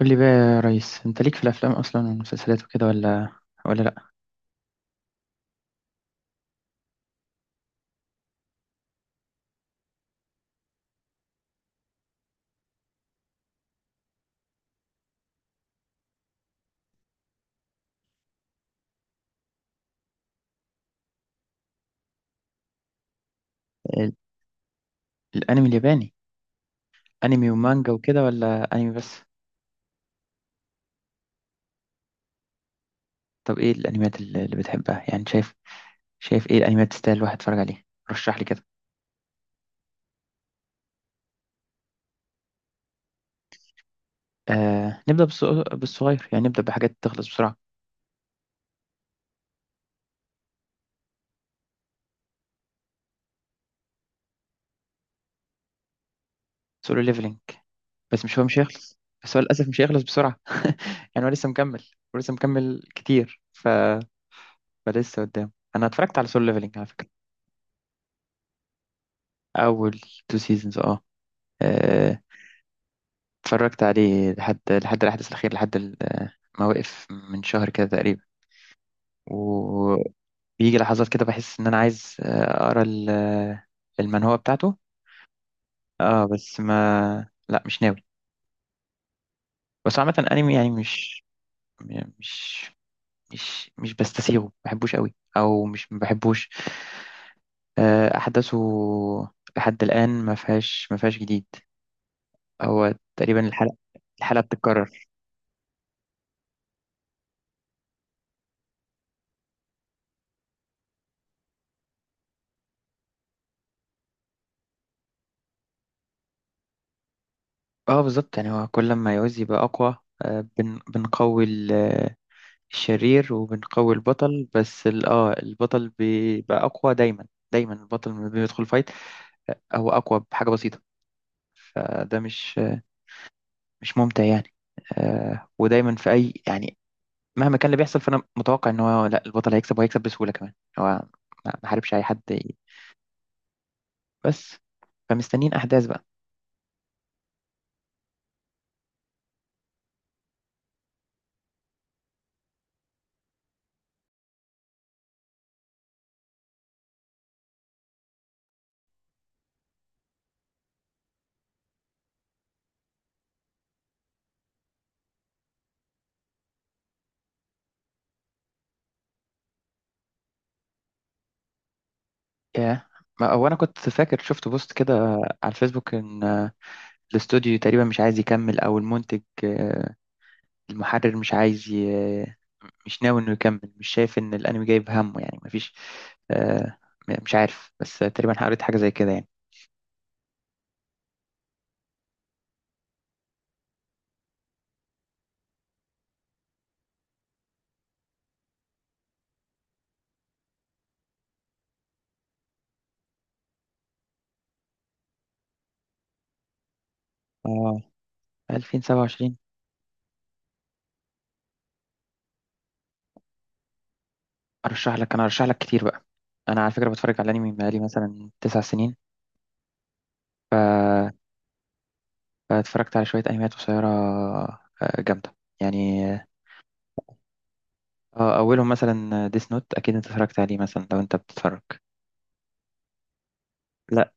قول لي بقى، يا ريس انت ليك في الافلام اصلا والمسلسلات وكده ولا لا؟ ال- الانمي الياباني، انمي ومانجا وكده ولا انمي بس؟ طب ايه الانميات اللي بتحبها؟ يعني شايف ايه الانميات تستاهل الواحد يتفرج عليها؟ رشح لي كده. نبدا بالصغير، يعني نبدا بحاجات تخلص بسرعه. سولو ليفلينج، بس مش هو مش هيخلص بس هو للاسف مش هيخلص بسرعه. يعني هو لسه مكمل ولسه مكمل كتير، فلسه قدام. انا اتفرجت على سولو ليفلينج على فكره، اول تو سيزونز. اه آه، اتفرجت عليه لحد الأحداث الأخيرة، لحد ما وقف من شهر كده تقريبا. وبيجي لحظات كده بحس إن أنا عايز أقرأ المنهوة بتاعته. اه بس ما لا مش ناوي. بس عامة أنمي، يعني مش مش بستسيغه، ما بحبوش قوي. أو مش ما بحبوش، أحداثه لحد الآن ما فيهاش جديد. هو تقريبا الحلقة بتتكرر. اه بالظبط. يعني هو كل ما يعوز يبقى أقوى، بنقوي الشرير، وبنقوي البطل. بس البطل بيبقى أقوى دايما. دايما البطل لما بيدخل فايت هو أقوى بحاجة بسيطة. فده مش ممتع يعني. ودايما في أي يعني مهما كان اللي بيحصل، فأنا متوقع إن هو، لا، البطل هيكسب وهيكسب بسهولة كمان. هو ما حاربش أي حد بس. فمستنيين أحداث بقى. ياه. هو أنا كنت فاكر شفت بوست كده على الفيسبوك، إن الاستوديو تقريبا مش عايز يكمل، او المنتج، المحرر مش عايز مش ناوي انه يكمل. مش شايف ان الانمي جايب همه، يعني مفيش، آه، مش عارف، بس تقريبا قريت حاجه زي كده يعني. اه، 2027. ارشح لك؟ انا ارشح لك كتير بقى. انا على فكره بتفرج على انمي بقالي مثلا 9 سنين، فاتفرجت على شويه انميات قصيره جامده يعني. اه، اولهم مثلا ديس نوت، اكيد انت اتفرجت عليه مثلا لو انت بتتفرج. لا،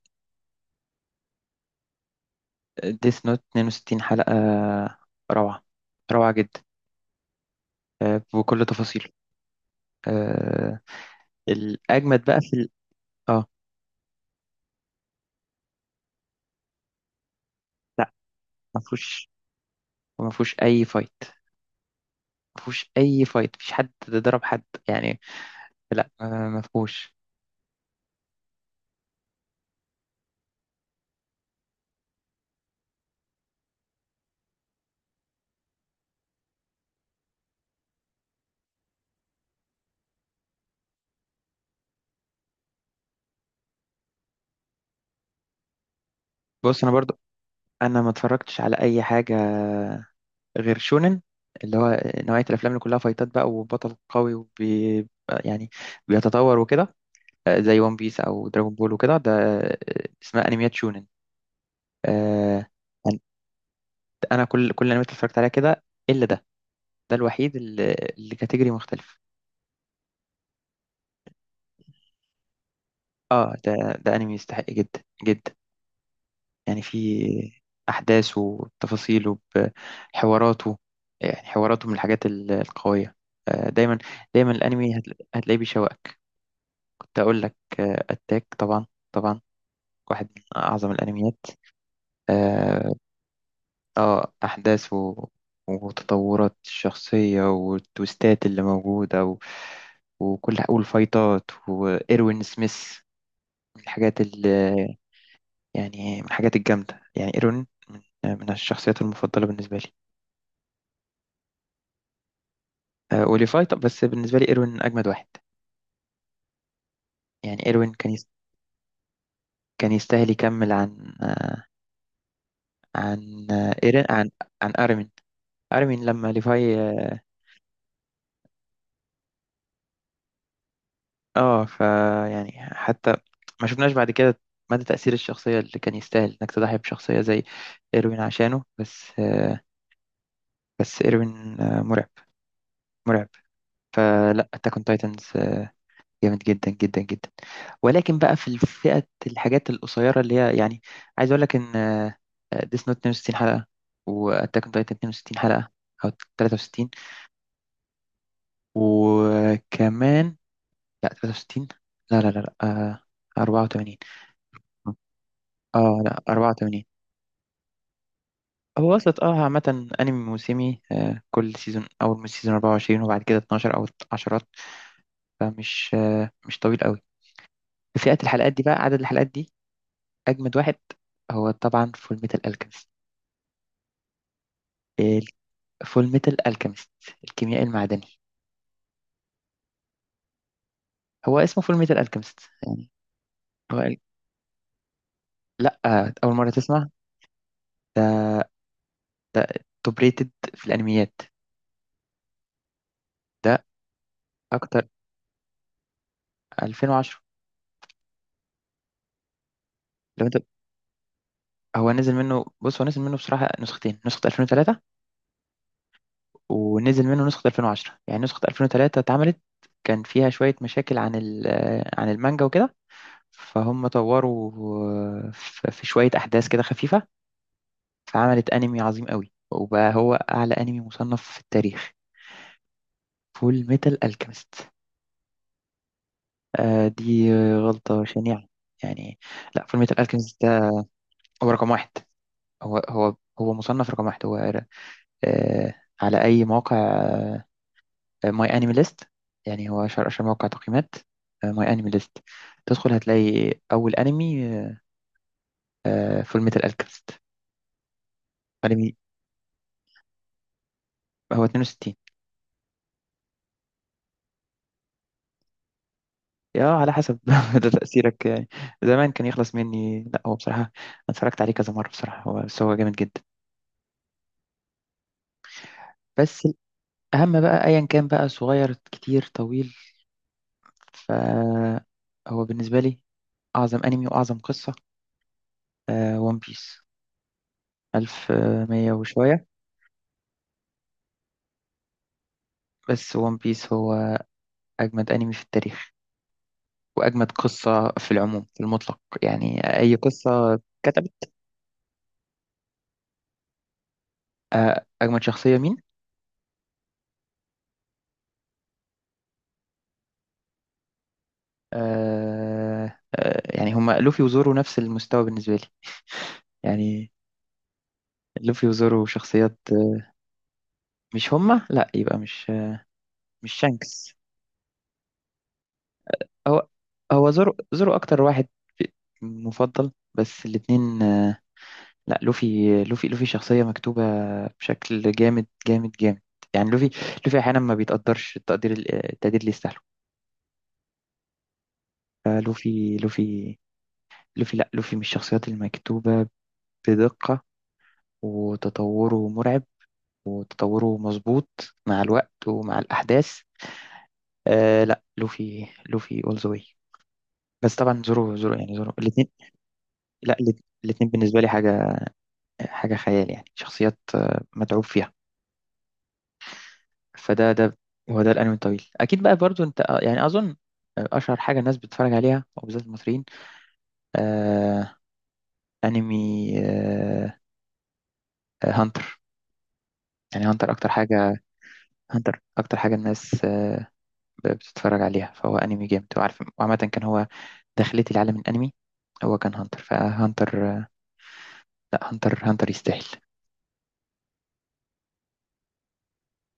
ديس نوت 62 حلقه، روعه، روعه جدا، بكل تفاصيله. آه، الأجمد بقى في اه، لا، ما فيهوش ما فيهوش أي فايت. ما فيهوش أي فايت، مفيش حد ضرب حد يعني. لا ما فيهوش. بص، أنا برضو أنا ما اتفرجتش على أي حاجة غير شونن، اللي هو نوعية الأفلام اللي كلها فايتات بقى وبطل قوي وبي يعني بيتطور وكده. زي ون بيس أو دراجون بول وكده، ده اسمها أنميات شونن. آه، أنا كل الأنميات اللي اتفرجت عليها كده إلا ده. ده الوحيد اللي كاتيجوري مختلف. اه، ده انمي يستحق جدا جدا، يعني في احداثه وتفاصيله، بحواراته، يعني حواراته من الحاجات القويه. آه، دايما الانمي هتلاقيه بيشوقك. كنت اقول لك اتاك طبعا. طبعا واحد من اعظم الانميات. اه، احداثه وتطورات الشخصيه والتويستات اللي موجوده وكل والفايتات وايروين سميث، من الحاجات ال يعني من الحاجات الجامدة. يعني إيروين من الشخصيات المفضلة بالنسبة لي. أوليفاي، طب بس بالنسبة لي إيروين أجمد واحد. يعني إيروين كان كان يستاهل يكمل عن إيرين، عن أرمين. أرمين لما ليفاي، اه آه، ف يعني حتى ما شفناش بعد كده مدى تأثير الشخصية، اللي كان يستاهل إنك تضحي بشخصية زي إيروين عشانه. بس بس إيروين مرعب، مرعب. فلا، أتاك أون تايتنز جامد جدا جدا جدا. ولكن بقى في فئة الحاجات القصيرة اللي هي يعني، عايز أقول لك إن ديس نوت 62 حلقة، وأتاك أون تايتن 62 حلقة، أو 63. وكمان لا 63، لا لا لا لا، 84. اه لا، 84. هو وصلت، اه عامة أنمي موسمي، آه كل سيزون أول من سيزون 24، وبعد كده 12 أو 10. فمش مش طويل قوي. فئة الحلقات دي بقى عدد الحلقات دي، أجمد واحد هو طبعا فول ميتال ألكيمست. فول ميتال ألكيمست، الكيميائي المعدني. هو اسمه فول ميتال ألكيمست. يعني هو لأ، أول مرة تسمع؟ ده ده توب ريتد في الأنميات. ده أكتر، 2010. لو أنت هو نزل منه، بصراحة نسختين، نسخة 2003، ونزل منه نسخة 2010. يعني نسخة 2003 اتعملت، كان فيها شوية مشاكل عن ال... آه، عن المانجا وكده، فهم طوروا في شوية أحداث كده خفيفة، فعملت أنمي عظيم قوي، وبقى هو أعلى أنمي مصنف في التاريخ، فول ميتال ألكيميست. دي غلطة شنيعة يعني. لا، فول ميتال ألكيميست ده هو رقم 1. هو، هو مصنف رقم 1. هو آه على أي موقع، ماي أنمي ليست، يعني هو أشهر موقع تقييمات، ماي أنمي ليست، تدخل هتلاقي أول أنمي، فول ميتال ألكيميست. أنمي هو 62. يا على حسب. ده تأثيرك يعني، زمان كان يخلص مني. لا، هو بصراحة أنا اتفرجت عليه كذا مرة بصراحة. هو، بس هو جامد جدا بس. الأهم بقى أيا كان بقى، صغير كتير طويل، فهو بالنسبة لي أعظم أنمي وأعظم قصة ون بيس، 1100 وشوية. بس ون بيس هو أجمد أنمي في التاريخ، وأجمد قصة في العموم في المطلق، يعني أي قصة كتبت. أجمد شخصية مين؟ يعني هما لوفي وزورو نفس المستوى بالنسبة لي. يعني لوفي وزورو شخصيات، مش هما، لا يبقى مش، مش شانكس. هو هو زورو أكتر واحد مفضل، بس الاتنين. لا لوفي، لوفي شخصية مكتوبة بشكل جامد جامد جامد. يعني لوفي أحيانا ما بيتقدرش التقدير، التقدير اللي يستاهله. فلوفي، لوفي لا لوفي من الشخصيات المكتوبة بدقة، وتطوره مرعب، وتطوره مظبوط مع الوقت ومع الأحداث. لا لوفي اول ذا واي. بس طبعا زورو يعني زورو. الاثنين، لا الاثنين بالنسبة لي حاجة خيال، يعني شخصيات متعوب فيها. فده هو ده الأنمي الطويل. أكيد بقى برضو أنت يعني أظن أشهر حاجة الناس بتتفرج عليها وبالذات المصريين. آه أنمي، هانتر. يعني هانتر أكتر حاجة الناس بتتفرج عليها. فهو انمي جامد وعارف، وعامة كان هو، دخلتي لعالم الانمي هو كان هانتر. فهانتر، لا هانتر يستاهل.